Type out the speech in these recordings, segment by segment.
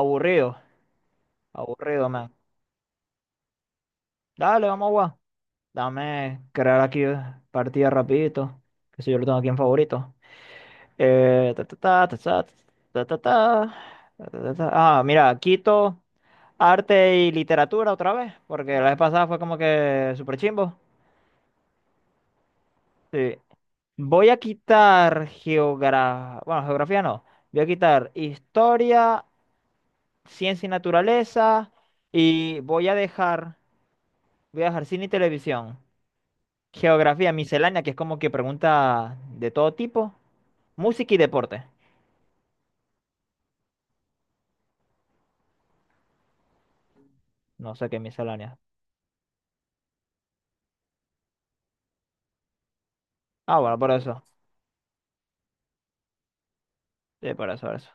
Aburrido, aburrido, man. Dale, vamos a jugar. Dame crear aquí partida rapidito. Que si yo lo tengo aquí en favorito. Ta, ta, ta, ta, ta, ta, ta, ta, ta, ta, ta. Ah, mira, quito arte y literatura otra vez, porque la vez pasada fue como que super chimbo. Sí. Voy a quitar geografía. Bueno, geografía no. Voy a quitar historia, ciencia y naturaleza. Y voy a dejar. Voy a dejar cine y televisión. Geografía miscelánea, que es como que pregunta de todo tipo. Música y deporte. No sé qué miscelánea. Ah, bueno, por eso. Sí, por eso, por eso.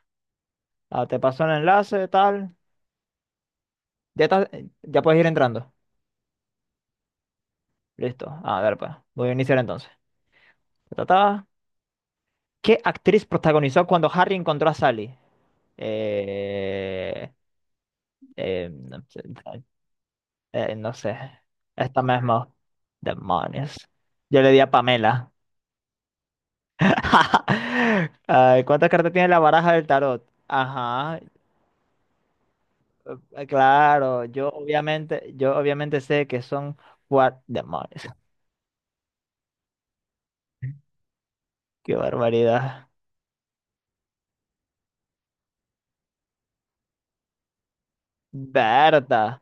Ah, te pasó el enlace, tal. Ya estás- ya puedes ir entrando. Listo. A ver, pues. Voy a iniciar entonces. Ta, ta, ta. ¿Qué actriz protagonizó cuando Harry encontró a Sally? Eh, no sé. No sé. Esta misma. Demonios. Yo le di a Pamela. Ay, ¿cuántas cartas tiene la baraja del tarot? Ajá, claro, yo obviamente sé que son cuatro demonios. Qué barbaridad. Berta,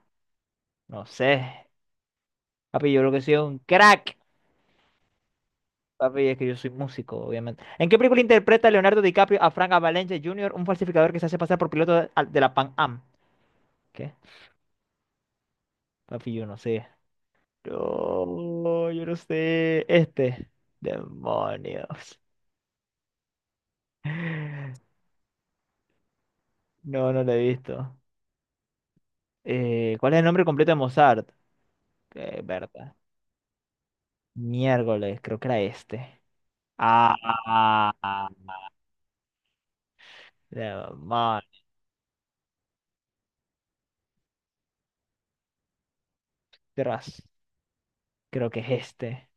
no sé. Papi, yo creo que soy un crack. Papi, es que yo soy músico, obviamente. ¿En qué película interpreta Leonardo DiCaprio a Frank Avalanche Jr., un falsificador que se hace pasar por piloto de, de la Pan Am? ¿Qué? Papi, yo no sé. No, yo no sé. Este. Demonios. No, no la he visto. ¿Cuál es el nombre completo de Mozart? Berta. Miércoles, creo que era este. Ah, ah, ah, demonio, tras, creo que es este.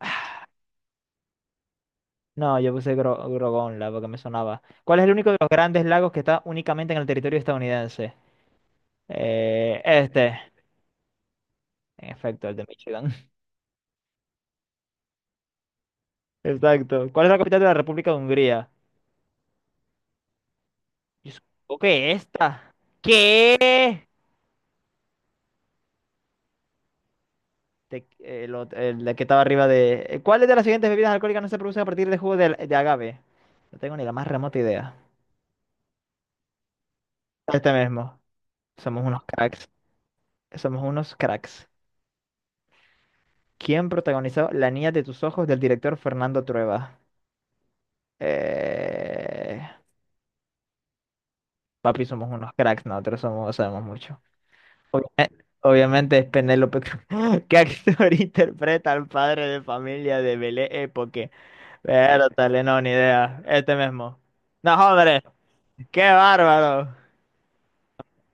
Ah, no, yo puse Grogonla porque me sonaba. ¿Cuál es el único de los grandes lagos que está únicamente en el territorio estadounidense? Este. En efecto, el de Michigan. Exacto. ¿Cuál es la capital de la República de Hungría? Yo supongo que esta. ¿Qué? El de que estaba arriba de... ¿Cuáles de las siguientes bebidas alcohólicas no se producen a partir de jugo de agave? No tengo ni la más remota idea. Este mismo. Somos unos cracks. Somos unos cracks. ¿Quién protagonizó La niña de tus ojos del director Fernando Trueba? Eh, Papi, somos unos cracks, nosotros somos, sabemos mucho. Obviamente es Penélope Cruz. ¿Qué actor interpreta al padre de familia de Belé Époque? Pero tal, no, ni idea. Este mismo. No, hombre, qué bárbaro.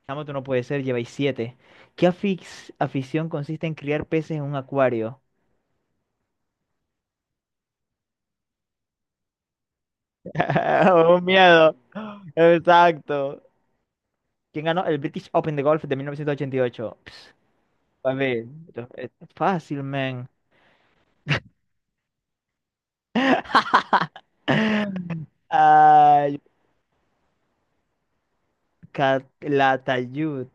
Chamo, tú no puede ser, lleváis siete. ¿Qué afición consiste en criar peces en un acuario? Un miedo, exacto. ¿Quién ganó el British Open de golf de 1988? Ps, papi, esto es fácil, man. Ay, Calatayud.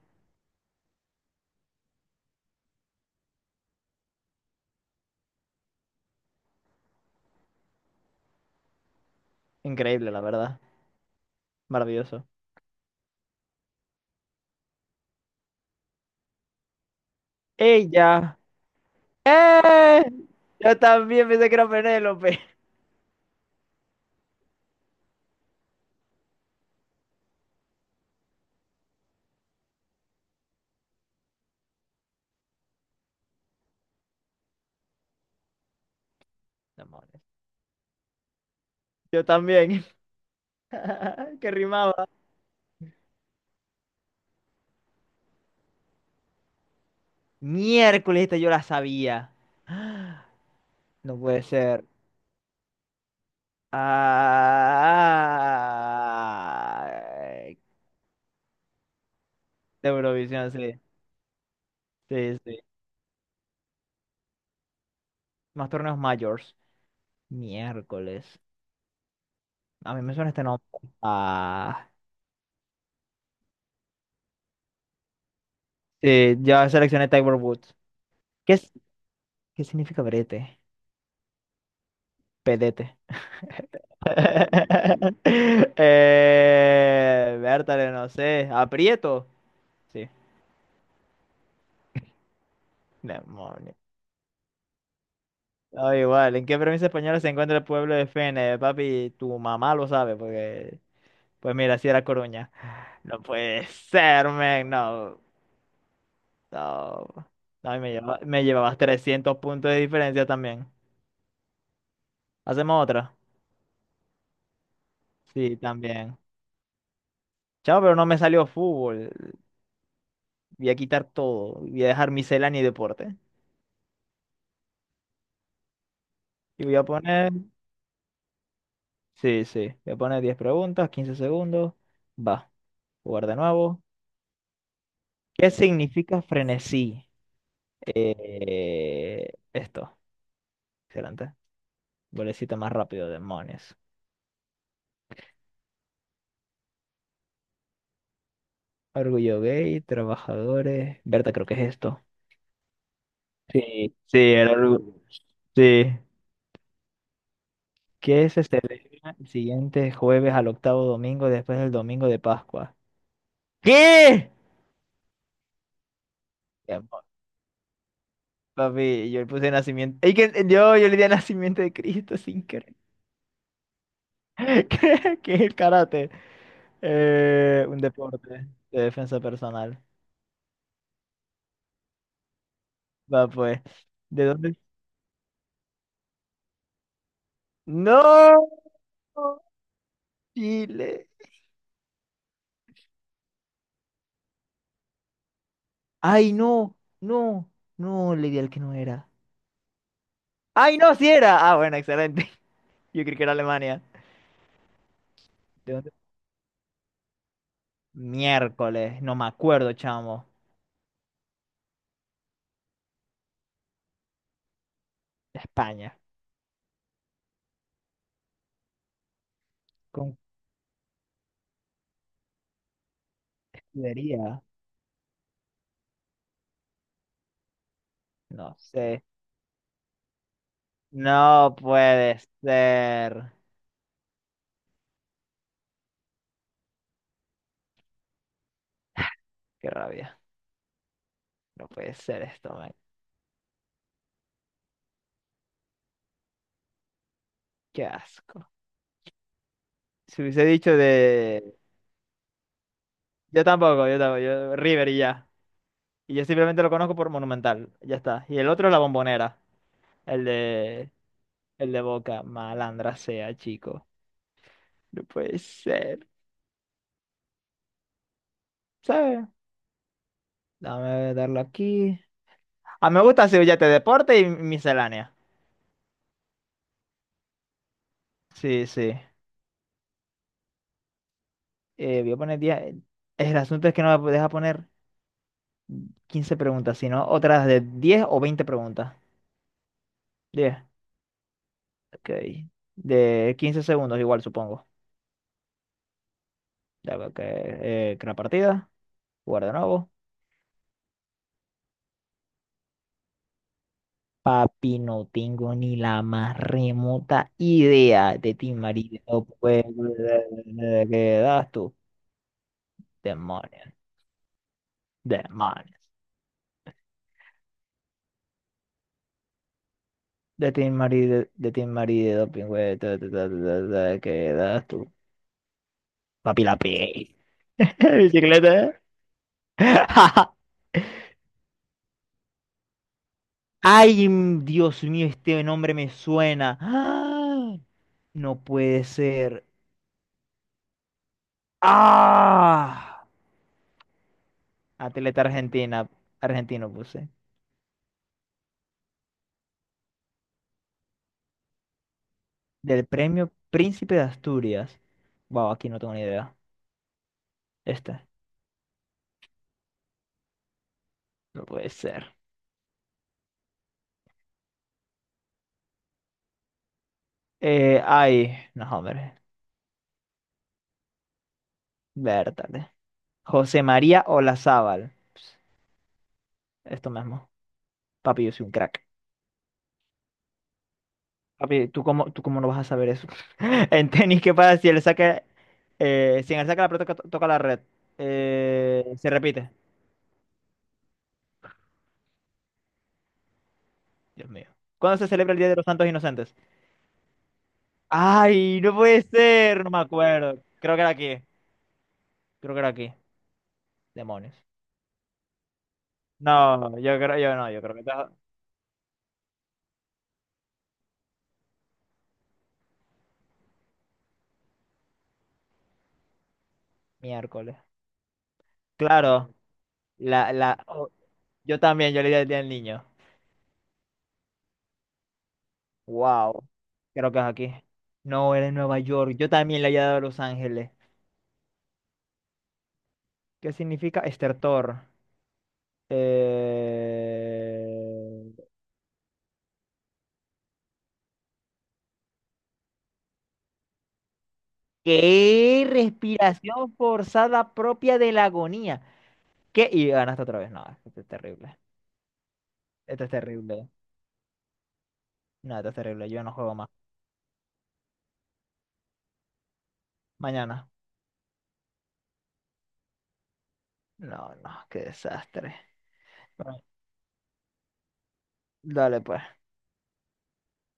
Increíble, la verdad. Maravilloso. Ella. ¡Eh! Yo también pensé que era Penélope. Demonios. Yo también. Que rimaba. Miércoles, esta yo la sabía. No puede ser. Ah, de Eurovisión, sí. Sí, sí. Más torneos mayores. Miércoles. A mí me suena este nombre. Ah, sí, ya seleccioné Tiger Woods. ¿Qué, es- ¿qué significa brete? Pedete. Bertale, no sé. ¿Aprieto? Sí. Demonio. Da igual. ¿En qué provincia española se encuentra el pueblo de Fene? Papi, tu mamá lo sabe, porque. Pues mira, si era Coruña. No puede ser, men, no. No, no y me llevabas 300 puntos de diferencia también. ¿Hacemos otra? Sí, también. Chao, pero no me salió fútbol. Voy a quitar todo. Voy a dejar miscelánea y deporte. Y voy a poner... Sí, sí. Voy a poner 10 preguntas, 15 segundos. Va. Jugar de nuevo. ¿Qué significa frenesí? Eh, esto. Excelente. Golecito más rápido, demonios. Orgullo gay, trabajadores. Berta, creo que es esto. Sí, sí, era orgu- Sí. ¿Qué es este el siguiente jueves al octavo domingo después del domingo de Pascua? ¿Qué? Ya, pa- Papi, yo le puse nacimiento. Ey, que, yo le di nacimiento de Cristo sin querer. ¿Qué ¿qué es el karate? Un deporte de defensa personal. Va, pues. ¿De dónde? ¡No! Chile. ¡Ay, no! No, no, le di al que no era. ¡Ay, no, sí era! Ah, bueno, excelente. Yo creí que era Alemania. ¿De dónde? Miércoles, no me acuerdo, chamo. España. ¿Con qué sería? No sé. No puede ser. Qué rabia. No puede ser esto, man. Qué asco. Si hubiese dicho de... Yo tampoco, yo tampoco. Yo... River y ya. Y yo simplemente lo conozco por Monumental. Ya está. Y el otro es la Bombonera. El de... El de Boca. Malandra sea, chico. No puede ser. ¿Sabes? Dame darle aquí. Ah, me gusta Sevillate Deporte y miscelánea. Sí, sí. Voy a poner 10. El asunto es que no me deja poner 15 preguntas, sino otras de 10 o 20 preguntas. 10. Ok. De 15 segundos igual, supongo. Ya veo que crea partida. Jugar de nuevo. Papi, no tengo ni la más remota idea de ti, marido. No puedo creer. ¿Qué das tú? Demonios. Demonios. De Team Mari, de Team Mari, de doping, güey. ¿Qué das tú? Papi la pey. Bicicleta. ¿Eh? Ay, mm, Dios mío, este nombre me suena. ¡Ah! No puede ser. ¡Ah! Atleta argentina, argentino puse. Del premio Príncipe de Asturias. Wow, aquí no tengo ni idea. Este, no puede ser. Ay, no, hombre. Vértale. José María Olazábal. Esto mismo. Papi, yo soy un crack. Papi, ¿tú cómo no vas a saber eso? En tenis, ¿qué pasa si él saca, si en el saca la pelota toca la red? Se repite. Dios mío. ¿Cuándo se celebra el Día de los Santos Inocentes? ¡Ay, no puede ser! No me acuerdo. Creo que era aquí. Creo que era aquí. Demonios. No, yo creo, yo no, yo creo que está miércoles. Claro, oh, yo también, yo le di el Día del Niño. Wow, creo que es aquí. No, era en Nueva York. Yo también le había dado a Los Ángeles. ¿Qué significa estertor? Eh, ¿Qué respiración forzada propia de la agonía? ¿Qué? Y ganaste otra vez. No, esto es terrible. Esto es terrible. No, esto es terrible. Yo no juego más. Mañana. No, no, qué desastre. Bueno, dale pues.